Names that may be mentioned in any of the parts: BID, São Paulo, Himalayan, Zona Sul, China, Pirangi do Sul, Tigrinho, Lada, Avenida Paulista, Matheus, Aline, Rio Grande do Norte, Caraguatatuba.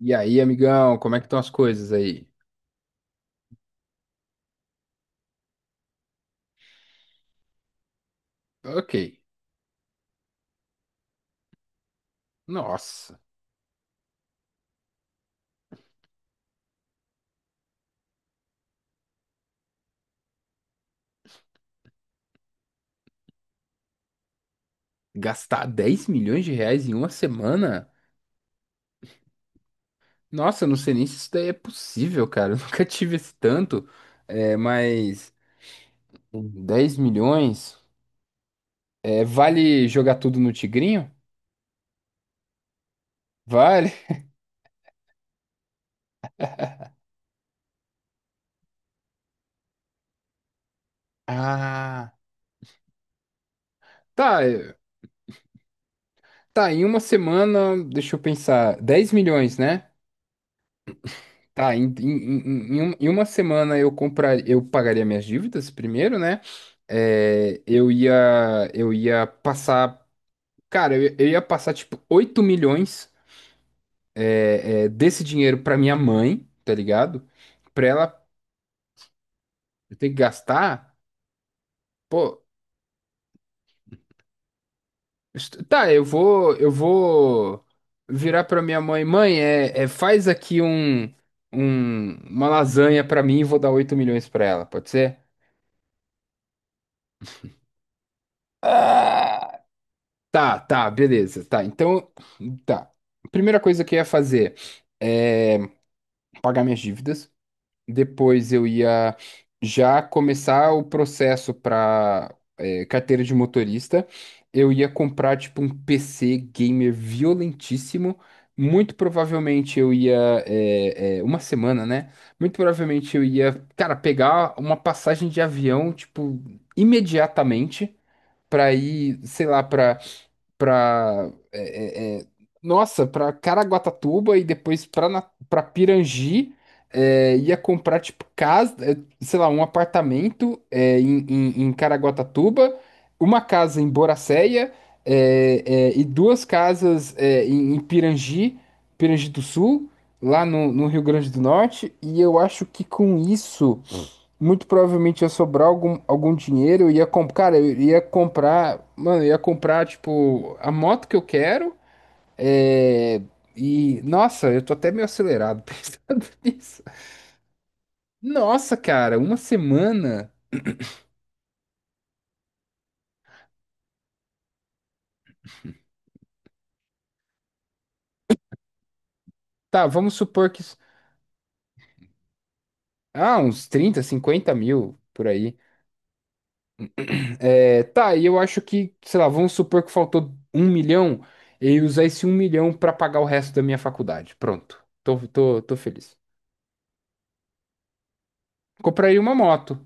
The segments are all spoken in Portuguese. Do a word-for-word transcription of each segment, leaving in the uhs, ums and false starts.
E aí, amigão, como é que estão as coisas aí? Ok. Nossa, gastar dez milhões de reais em uma semana? Nossa, eu não sei nem se isso daí é possível, cara. Eu nunca tive esse tanto. É, mas dez milhões? É, vale jogar tudo no Tigrinho? Vale? Ah, tá. é, Tá, em uma semana, deixa eu pensar. Dez milhões, né? Tá, em, em, em, em um- em uma semana eu comprar, eu pagaria minhas dívidas primeiro, né? É, eu ia, eu ia passar, Cara, eu, ia eu ia passar tipo oito milhões é, é, desse dinheiro pra minha mãe, tá ligado? Pra ela ter que gastar, pô, est- tá, eu vou, eu vou virar pra minha mãe, mãe, é, é, faz aqui um, um, uma lasanha pra mim e vou dar oito milhões pra ela, pode ser? Ah! Tá, tá, beleza. Tá, então, tá. Primeira coisa que eu ia fazer é pagar minhas dívidas. Depois eu ia já começar o processo para carteira de motorista. Eu ia comprar, tipo, um P C gamer violentíssimo. Muito provavelmente eu ia. É, é, Uma semana, né? Muito provavelmente eu ia, cara, pegar uma passagem de avião, tipo, imediatamente. Pra ir, sei lá, pra para é, é, é, nossa, para Caraguatatuba e depois para para Pirangi, é, ia comprar tipo casa, é, sei lá, um apartamento é, em, em, em Caraguatatuba, uma casa em Boracéia, é, é, e duas casas é, em, em Pirangi, Pirangi do Sul, lá no, no Rio Grande do Norte, e eu acho que com isso muito provavelmente ia sobrar algum, algum dinheiro, eu ia comprar, cara, eu ia comprar, mano, eu ia comprar, tipo, a moto que eu quero, é... E, nossa, eu tô até meio acelerado pensando nisso. Nossa, cara, uma semana, tá, vamos supor que, ah, uns trinta cinquenta mil, por aí. É, tá, e eu acho que, sei lá, vamos supor que faltou um milhão, eu ia usar esse um milhão pra pagar o resto da minha faculdade, pronto, tô, tô, tô feliz. Compraria uma moto.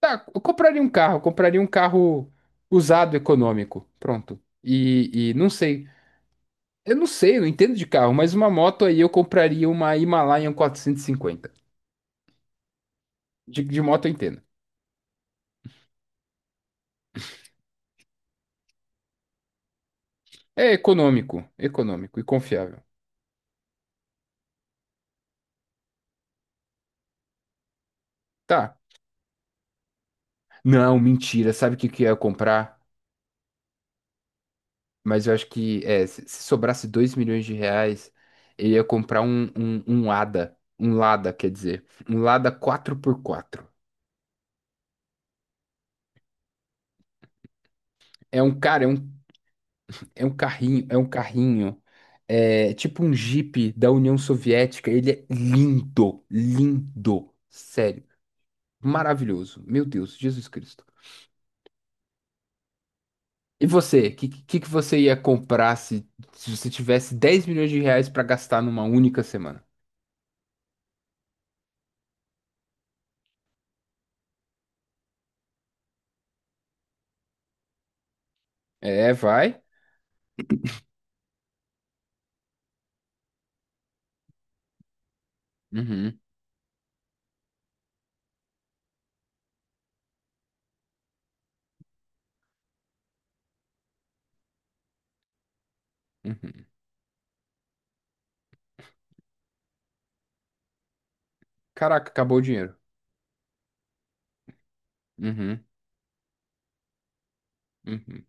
Tá, eu compraria um carro, eu compraria um carro usado econômico. Pronto. E, e não sei. Eu não sei, eu não entendo de carro, mas uma moto aí eu compraria uma Himalayan quatrocentos e cinquenta. De, de moto eu entendo. É econômico, econômico e confiável. Tá. Não, mentira. Sabe o que que eu ia comprar? Mas eu acho que é, se se sobrasse dois milhões de reais, eu ia comprar um, um, um Lada. Um Lada, quer dizer. Um Lada quatro por quatro. É um cara, é um... É um carrinho, é um carrinho. É tipo um Jeep da União Soviética. Ele é lindo, lindo. Sério. Maravilhoso. Meu Deus, Jesus Cristo. E você, o que, que, que você ia comprar se, se você tivesse dez milhões de reais pra gastar numa única semana? É, vai. Uhum, uhum. Caraca, acabou o dinheiro. Uhum, uhum.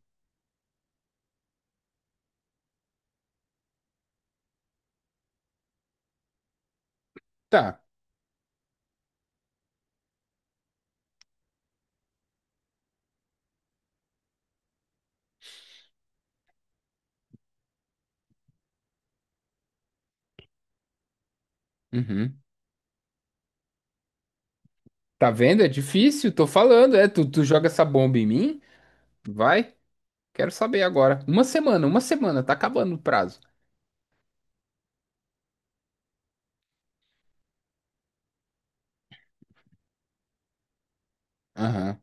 Tá. Uhum. Tá vendo? É difícil, tô falando. É, tu, tu joga essa bomba em mim? Vai. Quero saber agora. Uma semana, uma semana, tá acabando o prazo. Aham,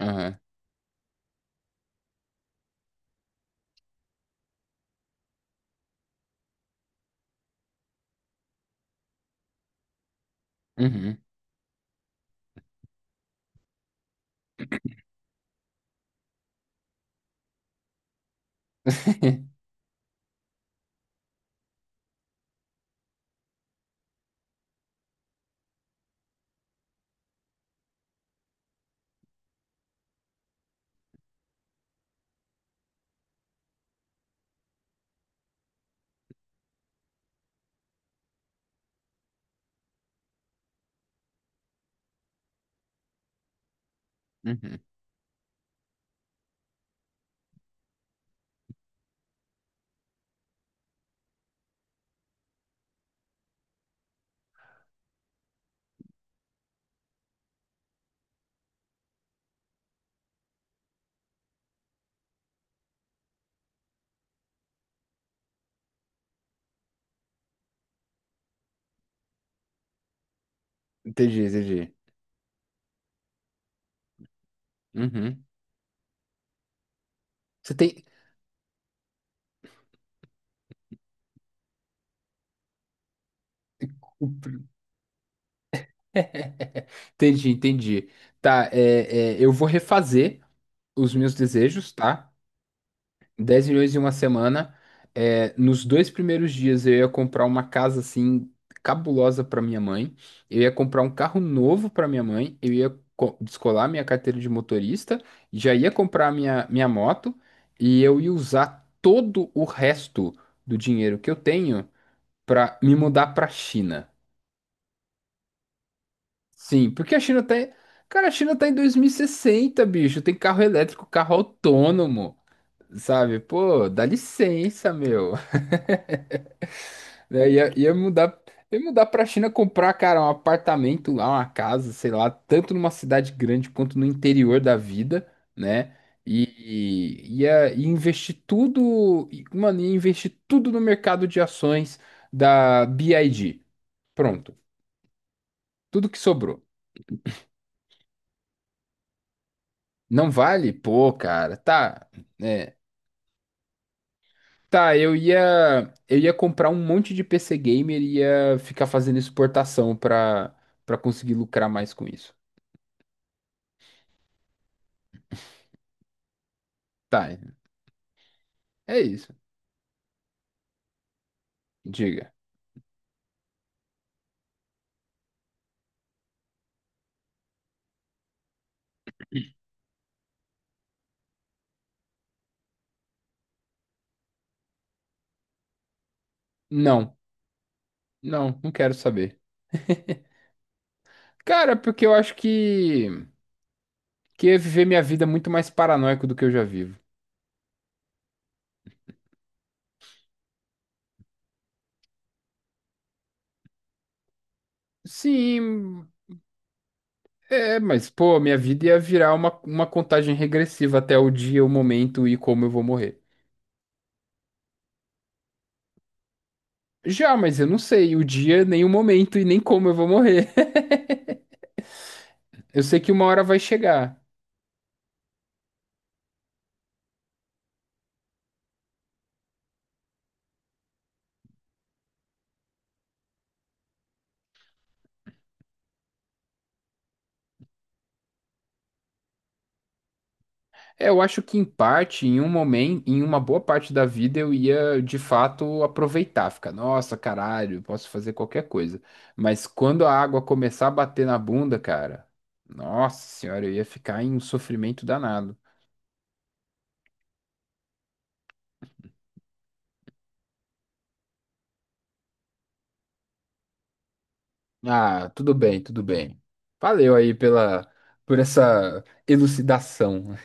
aham, uhum, uhum. Entendi, entendi. Uhum. Você tem. Entendi, entendi. Tá, é, é, eu vou refazer os meus desejos, tá? Dez milhões em uma semana. É, nos dois primeiros dias eu ia comprar uma casa assim cabulosa para minha mãe. Eu ia comprar um carro novo para minha mãe. Eu ia co- descolar minha carteira de motorista. Já ia comprar minha, minha moto. E eu ia usar todo o resto do dinheiro que eu tenho para me mudar para China. Sim, porque a China tá. em- cara, a China tá em dois mil e sessenta, bicho. Tem carro elétrico, carro autônomo, sabe? Pô, dá licença, meu. É, ia, ia mudar, ia mudar pra China comprar, cara, um apartamento lá, uma casa, sei lá, tanto numa cidade grande quanto no interior da vida, né? E, e ia, ia investir tudo, e, mano, ia investir tudo no mercado de ações da B I D. Pronto, tudo que sobrou. Não vale? Pô, cara, tá, né? Tá, eu ia, eu ia comprar um monte de P C Gamer e ia ficar fazendo exportação pra, pra conseguir lucrar mais com isso. Tá, é isso. Diga. Não, não, não quero saber. Cara, porque eu acho que, que eu ia viver minha vida muito mais paranoico do que eu já vivo. Sim, é, mas pô, minha vida ia virar uma, uma contagem regressiva até o dia, o momento e como eu vou morrer. Já, mas eu não sei o dia, nem o momento e nem como eu vou morrer. Eu sei que uma hora vai chegar. É, eu acho que em parte, em um momento, em uma boa parte da vida eu ia de fato aproveitar, ficar, nossa, caralho, posso fazer qualquer coisa. Mas quando a água começar a bater na bunda, cara, nossa senhora, eu ia ficar em um sofrimento danado. Ah, tudo bem, tudo bem. Valeu aí pela, por essa elucidação.